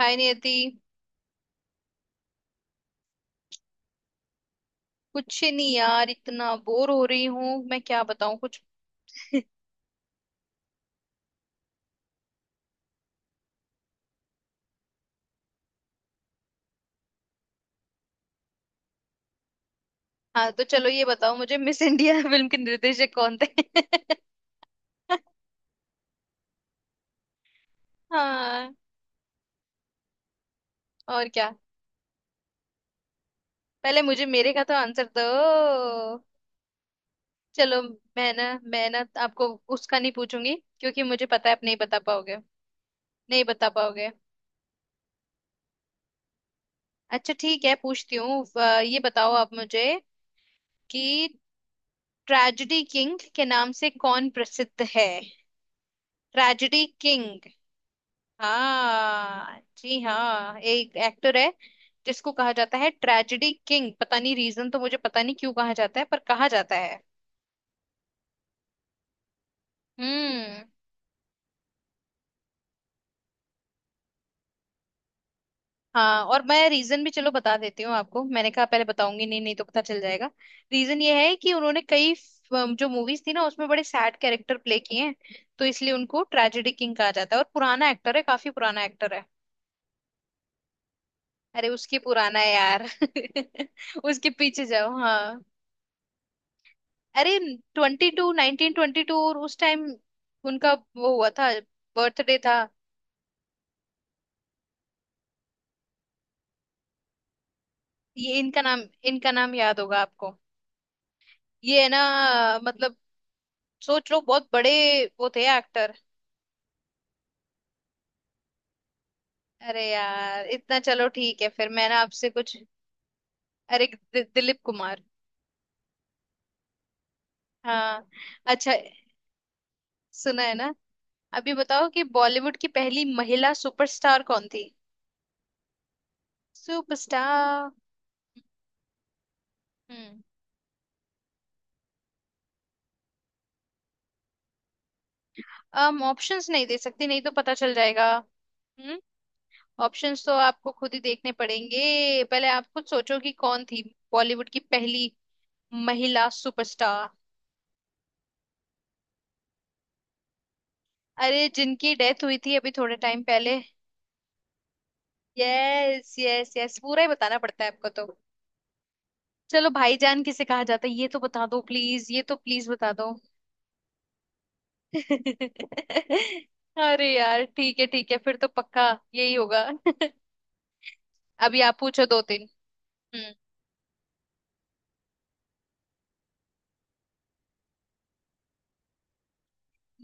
हाय नियति। कुछ नहीं यार, इतना बोर हो रही हूँ, मैं क्या बताऊँ कुछ। हाँ, तो चलो, ये बताओ मुझे मिस इंडिया फिल्म के निर्देशक कौन थे? हाँ। और क्या? पहले मुझे मेरे का तो आंसर दो। चलो, मैं ना मैं ना आपको उसका नहीं पूछूंगी, क्योंकि मुझे पता है आप नहीं बता पाओगे। नहीं बता पाओगे। अच्छा ठीक है, पूछती हूँ। ये बताओ आप मुझे कि ट्रेजेडी किंग के नाम से कौन प्रसिद्ध है। Tragedy king. हाँ जी हाँ, एक एक्टर है जिसको कहा जाता है ट्रेजेडी किंग। पता नहीं रीजन, तो मुझे पता नहीं क्यों कहा जाता है, पर कहा जाता है। हम्म। हाँ, और मैं रीजन भी चलो बता देती हूँ आपको। मैंने कहा पहले बताऊंगी नहीं, नहीं तो पता चल जाएगा। रीजन ये है कि उन्होंने कई जो मूवीज थी ना, उसमें बड़े सैड कैरेक्टर प्ले किए हैं। तो इसलिए उनको ट्रेजेडी किंग कहा जाता है। और पुराना एक्टर है, काफी पुराना एक्टर है। अरे, उसकी पुराना है यार उसके पीछे जाओ। हाँ, अरे, 22 1922, और उस टाइम उनका वो हुआ था, बर्थडे था। ये इनका नाम, इनका नाम याद होगा आपको, ये है ना। मतलब, सोच लो, बहुत बड़े वो थे एक्टर। अरे यार, इतना चलो ठीक है, फिर मैं ना आपसे कुछ। अरे, दिलीप कुमार। हाँ। अच्छा। सुना है ना? अभी बताओ कि बॉलीवुड की पहली महिला सुपरस्टार कौन थी। सुपरस्टार। हम्म। हम ऑप्शंस नहीं दे सकती, नहीं तो पता चल जाएगा। हम्म। ऑप्शंस तो आपको खुद ही देखने पड़ेंगे, पहले आप खुद सोचो कि कौन थी। बॉलीवुड की पहली महिला सुपरस्टार। अरे, जिनकी डेथ हुई थी अभी थोड़े टाइम पहले। यस यस यस, पूरा ही बताना पड़ता है आपको तो। चलो, भाईजान किसे कहा जाता है ये तो बता दो, प्लीज ये तो प्लीज बता दो। अरे यार ठीक है ठीक है, फिर तो पक्का यही होगा अभी आप पूछो दो तीन। हम्म।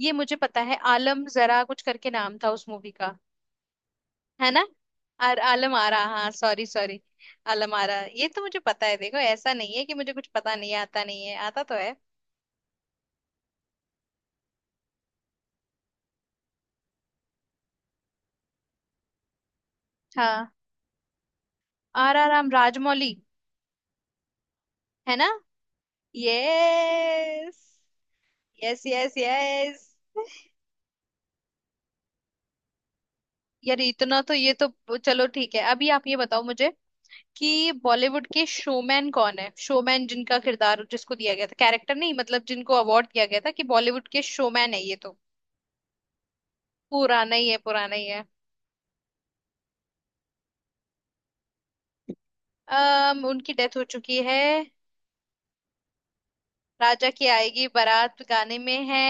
ये मुझे पता है, आलम जरा कुछ करके नाम था उस मूवी का, है ना। और आलम आरा, हाँ, सॉरी सॉरी, आलम आरा। ये तो मुझे पता है, देखो ऐसा नहीं है कि मुझे कुछ पता नहीं है, आता नहीं है, आता तो है। हाँ, RR राम राजमौली, है ना? Yes yes yes. यस यार, इतना तो, ये तो चलो ठीक है, अभी आप ये बताओ मुझे कि बॉलीवुड के शोमैन कौन है। शोमैन जिनका किरदार जिसको दिया गया था, कैरेक्टर नहीं मतलब, जिनको अवार्ड दिया गया था कि बॉलीवुड के शोमैन है, ये तो पुराना ही है पुराना ही है। अम उनकी डेथ हो चुकी है। राजा की आएगी बारात गाने में है।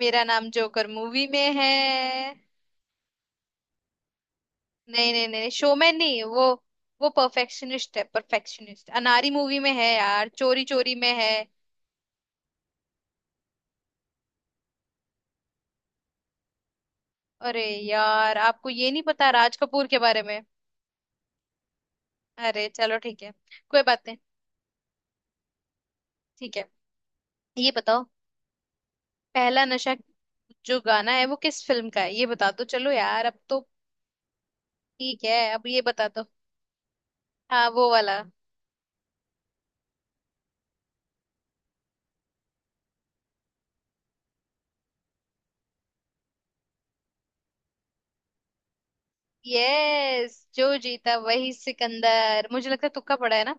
मेरा नाम जोकर मूवी में है। नहीं नहीं नहीं, शोमैन नहीं वो, वो परफेक्शनिस्ट है परफेक्शनिस्ट। अनारी मूवी में है यार, चोरी चोरी में है। अरे यार, आपको ये नहीं पता राज कपूर के बारे में। अरे चलो ठीक है, कोई बात नहीं, ठीक है। ये बताओ, पहला नशा जो गाना है वो किस फिल्म का है, ये बता दो चलो यार, अब तो ठीक है, अब ये बता दो। हाँ, वो वाला। यस, जो जीता वही सिकंदर। मुझे लगता है तुक्का पड़ा है ना।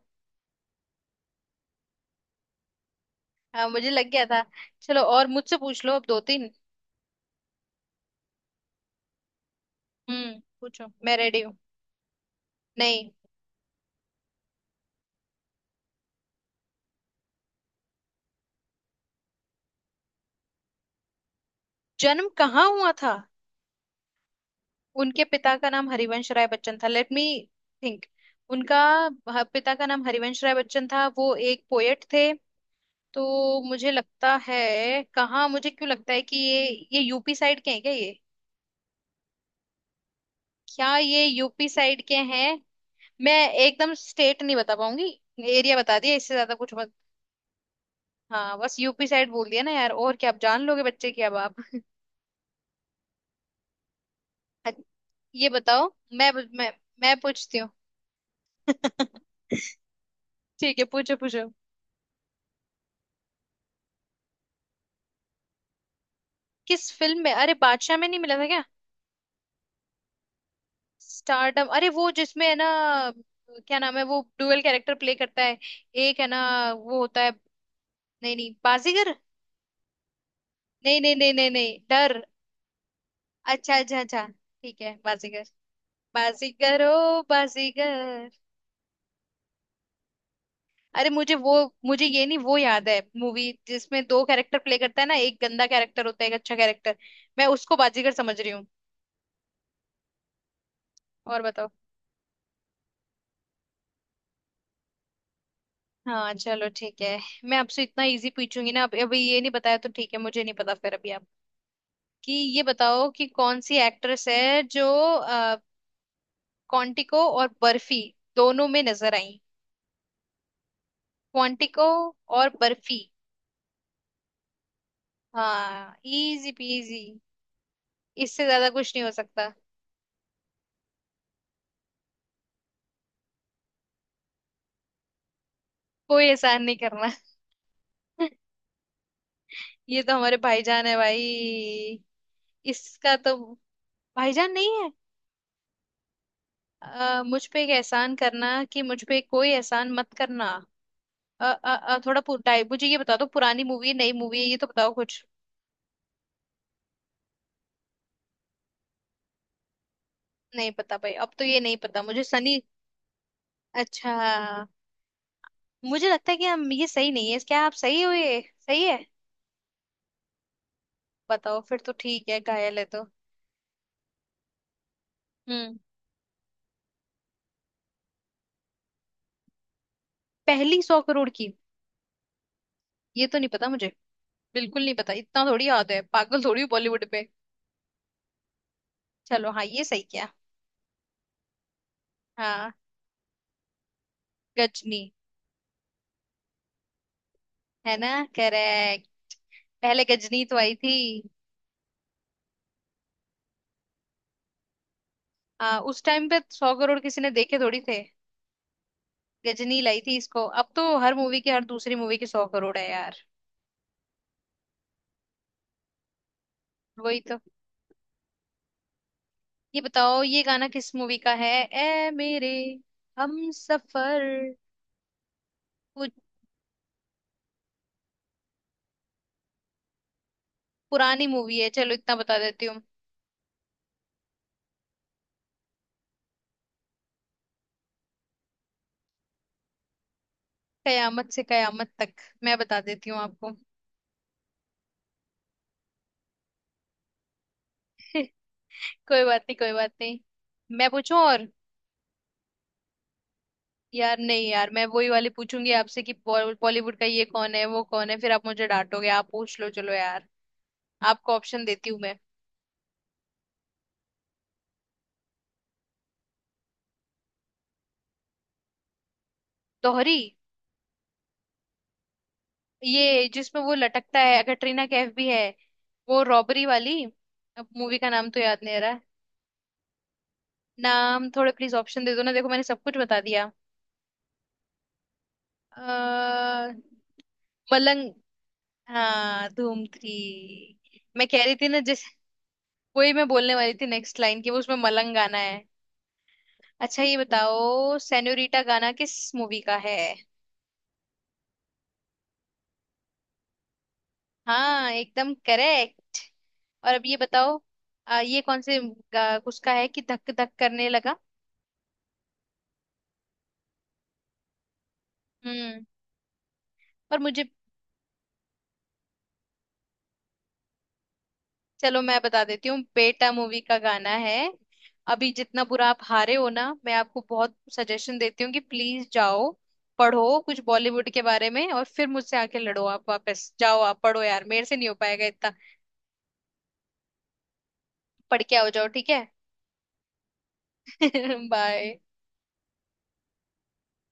हाँ, मुझे लग गया था। चलो और मुझसे पूछ लो अब दो तीन। हम्म, पूछो, मैं रेडी हूँ। नहीं। जन्म कहाँ हुआ था? उनके पिता का नाम हरिवंश राय बच्चन था, लेट मी थिंक। उनका पिता का नाम हरिवंश राय बच्चन था, वो एक पोएट थे। तो मुझे लगता है कहाँ, मुझे क्यों लगता है कि ये यूपी साइड के हैं क्या, ये, क्या ये यूपी साइड के हैं। मैं एकदम स्टेट नहीं बता पाऊंगी, एरिया बता दिया, इससे ज्यादा कुछ मत। हाँ, बस यूपी साइड बोल दिया ना यार, और क्या आप जान लोगे बच्चे की अब आप। अच्छ- ये बताओ। मैं मैं मैं पूछती हूँ ठीक है, पूछो पूछो। किस फिल्म में, अरे, बादशाह में नहीं मिला था क्या? स्टारडम, अरे वो जिसमें है ना, क्या नाम है, वो डुअल कैरेक्टर प्ले करता है, एक है ना, वो होता है, नहीं नहीं बाजीगर। नहीं नहीं नहीं नहीं नहीं, डर। अच्छा अच्छा अच्छा ठीक है, बाजीगर। बाजीगर ओ। बाजीगर। अरे मुझे वो, मुझे ये नहीं, वो याद है मूवी जिसमें दो कैरेक्टर प्ले करता है ना, एक गंदा कैरेक्टर होता है एक अच्छा कैरेक्टर, मैं उसको बाजीगर समझ रही हूँ। और बताओ। हाँ चलो ठीक है, मैं आपसे इतना इजी पूछूंगी ना, अब अभी ये नहीं बताया तो ठीक है, मुझे नहीं पता। फिर अभी आप, कि ये बताओ कि कौन सी एक्ट्रेस है जो अ, क्वांटिको और बर्फी दोनों में नजर आई। क्वांटिको और बर्फी। हाँ, इजी पीजी, इससे ज्यादा कुछ नहीं हो सकता। कोई एहसान नहीं करना। ये तो हमारे भाईजान है भाई, इसका तो, भाईजान नहीं है। मुझ पे एक एहसान करना कि मुझ पे कोई एहसान मत करना। थोड़ा पुराई मुझे ये बता दो, पुरानी मूवी है नई मूवी है, ये तो बताओ कुछ। नहीं पता भाई, अब तो ये नहीं पता मुझे सनी। अच्छा, मुझे लगता है कि हम ये सही नहीं है क्या, आप सही हो, ये सही है। बताओ, फिर तो ठीक है, घायल है तो। हम्म। पहली 100 करोड़ की। ये तो नहीं पता मुझे, बिल्कुल नहीं पता, इतना थोड़ी याद है, पागल थोड़ी हूँ बॉलीवुड पे। चलो हाँ, ये सही किया। हाँ। गजनी। है ना, करेक्ट। पहले गजनी तो आई थी। उस टाइम पे 100 करोड़ किसी ने देखे थोड़ी थे। गजनी लाई थी इसको, अब तो हर मूवी के, हर दूसरी मूवी के 100 करोड़ है यार। वही तो। ये बताओ ये गाना किस मूवी का है, ए मेरे हम सफर। पुरानी मूवी है, चलो इतना बता देती हूँ। कयामत से कयामत तक, मैं बता देती हूँ आपको। कोई बात नहीं कोई बात नहीं। मैं पूछूं और। यार नहीं यार, मैं वही वाली पूछूंगी आपसे कि बॉलीवुड का ये कौन है वो कौन है, फिर आप मुझे डांटोगे, आप पूछ लो चलो यार, आपको ऑप्शन देती हूँ मैं। दोहरी। ये जिसमें वो लटकता है, कटरीना कैफ भी है, वो रॉबरी वाली, अब मूवी का नाम तो याद नहीं आ रहा है। नाम थोड़े, प्लीज ऑप्शन दे दो ना, देखो मैंने सब कुछ बता दिया। अ, मलंग। हाँ, धूम 3। मैं कह रही थी ना, जैसे वही मैं बोलने वाली थी नेक्स्ट लाइन की, वो उसमें मलंग गाना है। अच्छा ये बताओ, सेन्योरिटा गाना किस मूवी का है? हाँ, एकदम करेक्ट। और अब ये बताओ, ये कौन से उसका है कि धक धक करने लगा। हम्म। और मुझे, चलो मैं बता देती हूँ, बेटा मूवी का गाना है। अभी जितना बुरा आप हारे हो ना, मैं आपको बहुत सजेशन देती हूँ कि प्लीज जाओ, पढ़ो कुछ बॉलीवुड के बारे में और फिर मुझसे आके लड़ो। आप वापस जाओ, आप पढ़ो यार, मेरे से नहीं हो पाएगा इतना। पढ़ के आओ जाओ, ठीक है। बाय।